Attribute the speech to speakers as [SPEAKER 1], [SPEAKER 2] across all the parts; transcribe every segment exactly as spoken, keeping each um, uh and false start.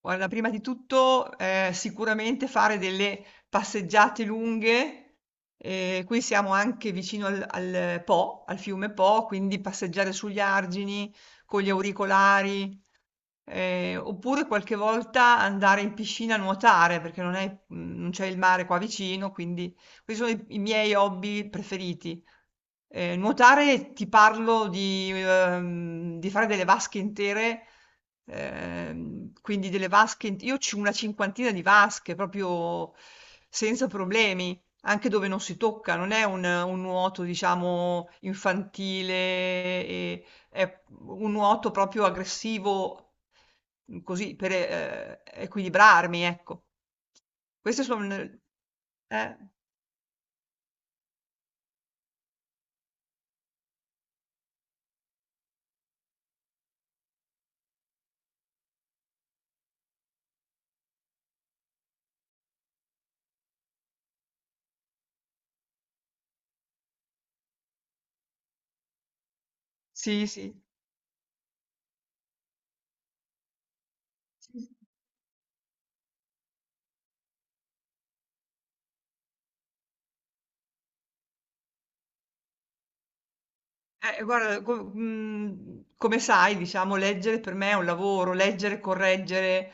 [SPEAKER 1] Guarda, prima di tutto, ehm, sicuramente fare delle passeggiate lunghe, ehm, qui siamo anche vicino al al Po, al fiume Po, quindi passeggiare sugli argini con gli auricolari, ehm, oppure qualche volta andare in piscina a nuotare, perché non è mhmm, non c'è il mare qua vicino, quindi questi sono i i miei hobby preferiti. Ehm, nuotare, ti parlo di, uhm, di fare delle vasche intere. Ehm, quindi delle vasche, in- io ho una cinquantina di vasche proprio senza problemi, anche dove non si tocca, non è un, un nuoto, diciamo, infantile, e- è un nuoto proprio aggressivo, così per eh, equilibrarmi, ecco. Queste sono. Eh, sì, sì. Sì, sì. Eh, guarda, co- mh, come sai, diciamo, leggere per me è un lavoro, leggere, correggere,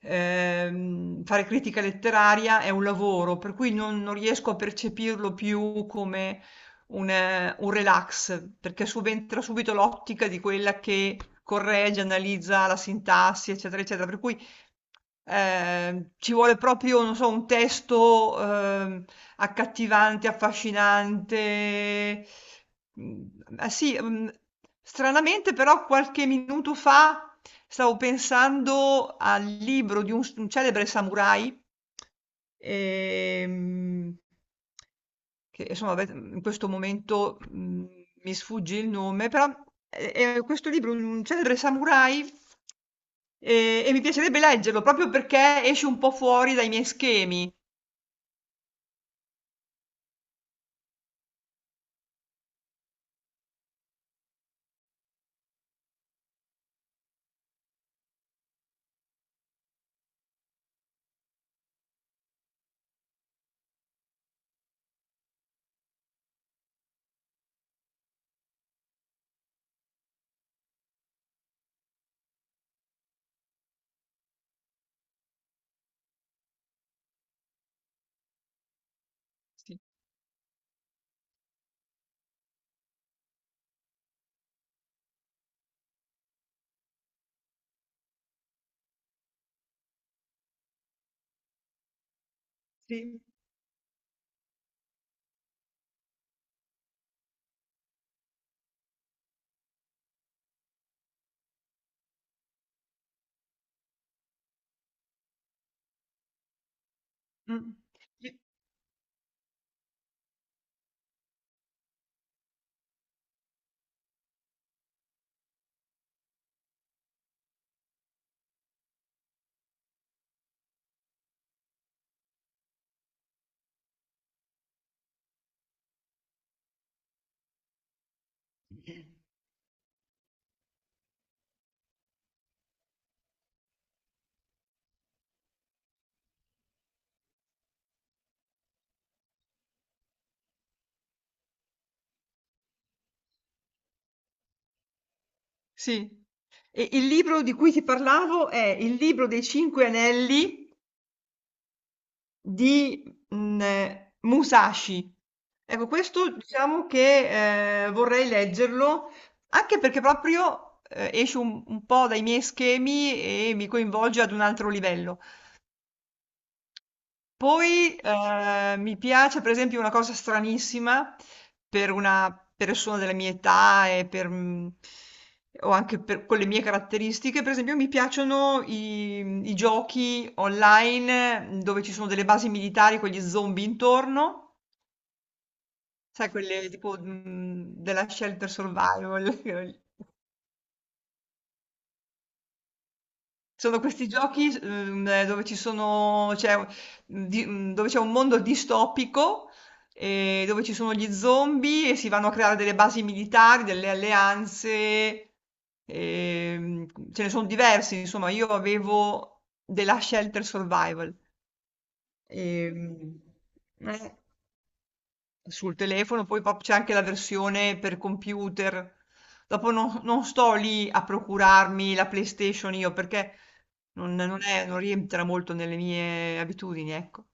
[SPEAKER 1] ehm, fare critica letteraria è un lavoro, per cui non, non riesco a percepirlo più come un, eh, un relax, perché subentra subito l'ottica di quella che corregge, analizza la sintassi, eccetera, eccetera. Per cui eh, ci vuole proprio, non so, un testo. ehm, Accattivante, affascinante. Mhmm, ah sì. mhmm, Stranamente però qualche minuto fa stavo pensando al libro di un s un celebre samurai, ehm, che insomma ave in questo momento, mhmm, mi sfugge il nome, però è è questo libro, un un celebre samurai, ehm, e mi piacerebbe leggerlo proprio perché esce un po' fuori dai miei schemi. Sì, sì. Mh. Sì. E il libro di cui ti parlavo è Il libro dei Cinque Anelli di, mhmm, Musashi. Ecco, questo diciamo che, ehm, vorrei leggerlo, anche perché proprio, ehm, esce un un po' dai miei schemi e mi coinvolge ad un altro livello. Poi eh, mi piace, per esempio, una cosa stranissima per una persona della mia età e per, mh, o anche per, con le mie caratteristiche, per esempio, mi piacciono i, i giochi online, mh, dove ci sono delle basi militari con gli zombie intorno, sai, quelle tipo mh, della Shelter Survival. Sono questi giochi, s uhm, dove ci sono c'è u di mhmm, dove c'è un mondo distopico, ehm, dove ci sono gli zombie e si vanno a creare delle basi militari, delle alleanze, ehm, mhmm, ce ne son diversi, insomma. Io avevo The Last Shelter Survival. ehm eh. Sul telefono, poi pop c'è anche la versione per computer. Dopo non, non sto lì a procurarmi la PlayStation io perché non, non è- non rientra molto nelle mie abitudini, ecco.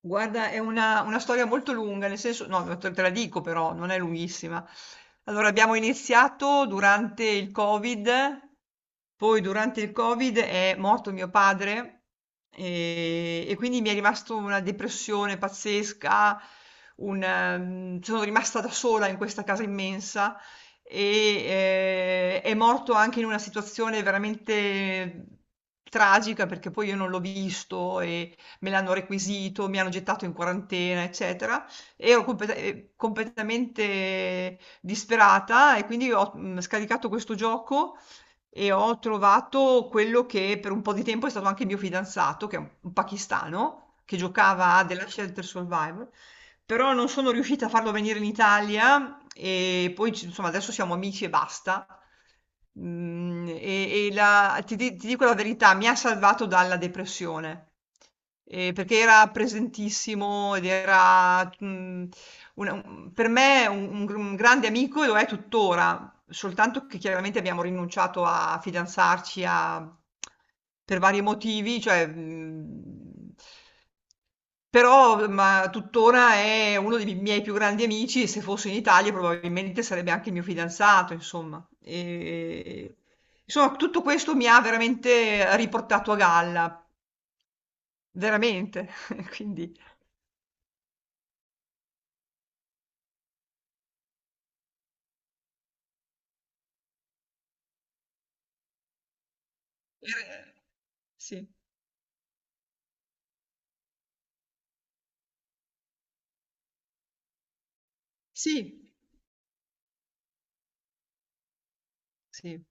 [SPEAKER 1] Guarda, è una, una storia molto lunga, nel senso, no, te te la dico, però non è lunghissima. Allora, abbiamo iniziato durante il Covid. Poi durante il Covid è morto mio padre e, e quindi mi è rimasto una depressione pazzesca, un, ehm, sono rimasta da sola in questa casa immensa e eh, è morto anche in una situazione veramente tragica, perché poi io non l'ho visto e me l'hanno requisito, mi hanno gettato in quarantena, eccetera. E ero complet- eh, completamente disperata, e quindi ho mm, scaricato questo gioco e ho trovato quello che per un po' di tempo è stato anche il mio fidanzato, che è un un pakistano, che giocava a The Last Shelter Survival. Però non sono riuscita a farlo venire in Italia e poi ci- insomma, adesso siamo amici e basta. Mm, e, e la- ti, di- ti dico la verità, mi ha salvato dalla depressione, eh, perché era presentissimo ed era, mm, una- un- per me un, un gr- un grande amico, e lo è tuttora. Soltanto che chiaramente abbiamo rinunciato a fidanzarci, a per vari motivi, cioè, mhmm però ma tuttora è uno dei miei più grandi amici e se fosse in Italia probabilmente sarebbe anche il mio fidanzato, insomma. Ehm, insomma, tutto questo mi ha veramente riportato a galla, veramente, quindi er sì, sì, sì.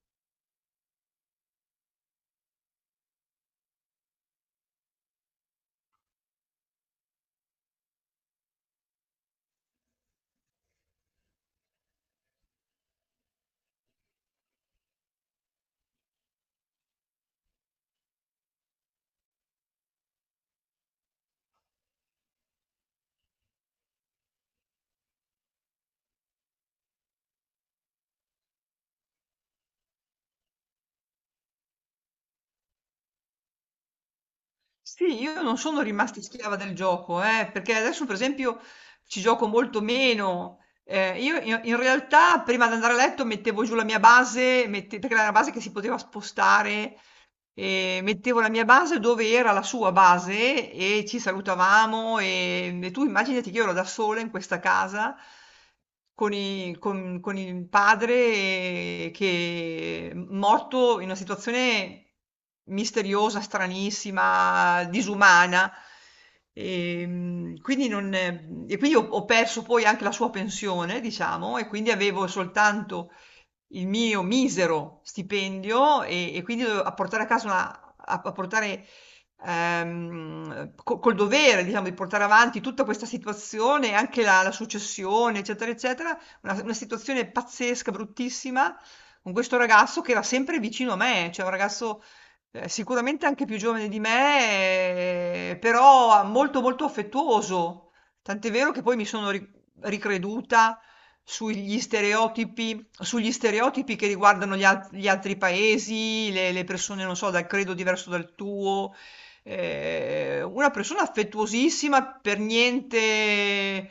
[SPEAKER 1] Sì, io non sono rimasta schiava del gioco, eh, perché adesso per esempio ci gioco molto meno. Eh, io in, in realtà prima di andare a letto mettevo giù la mia base, mette- perché era una base che si poteva spostare, e mettevo la mia base dove era la sua base e ci salutavamo, e, e tu immaginati che io ero da sola in questa casa con, i- con- con il padre eh, che è morto in una situazione misteriosa, stranissima, disumana. E, mm, quindi, non, e quindi ho, ho perso poi anche la sua pensione, diciamo, e quindi avevo soltanto il mio misero stipendio e, e quindi dovevo- a portare a casa una, a, a portare ehm, co- col dovere, diciamo, di portare avanti tutta questa situazione, anche la, la successione, eccetera, eccetera, una, una situazione pazzesca, bruttissima, con questo ragazzo che era sempre vicino a me, cioè un ragazzo eh, sicuramente anche più giovane di me, eh, però molto molto affettuoso. Tant'è vero che poi mi sono ri- ricreduta sugli stereotipi, sugli stereotipi che riguardano gli al gli altri paesi, le le persone, non so, dal credo diverso dal tuo. Ehm, una persona affettuosissima, per niente,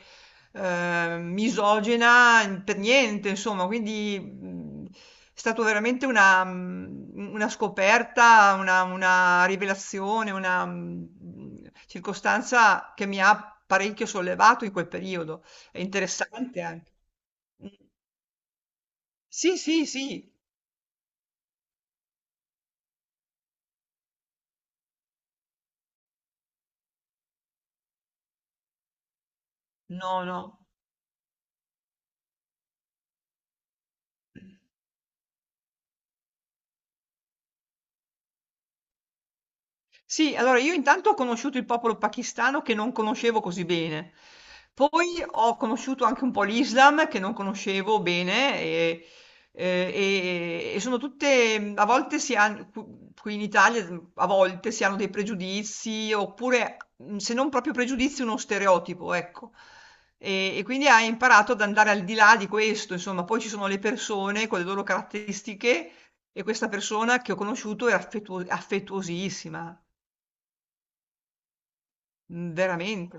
[SPEAKER 1] ehm, misogina, n per niente, insomma. Quindi, mhmm, è stato veramente una mhmm, una scoperta, una una rivelazione, una, mhmm, circostanza che mi ha parecchio sollevato in quel periodo. È interessante anche. Mh. Sì, sì, sì. Nono, sì, allora io intanto ho conosciuto il popolo pakistano che non conoscevo così bene, poi ho conosciuto anche un po' l'Islam che non conoscevo bene e, eh, e- e sono tutte, a volte si hanno, qui in Italia a volte si hanno dei pregiudizi, oppure se non proprio pregiudizi uno stereotipo, ecco. E, e quindi hai imparato ad andare al di là di questo, insomma, poi ci sono le persone con le loro caratteristiche. E questa persona che ho conosciuto era affettuo- affettuosissima. Mhmm, Veramente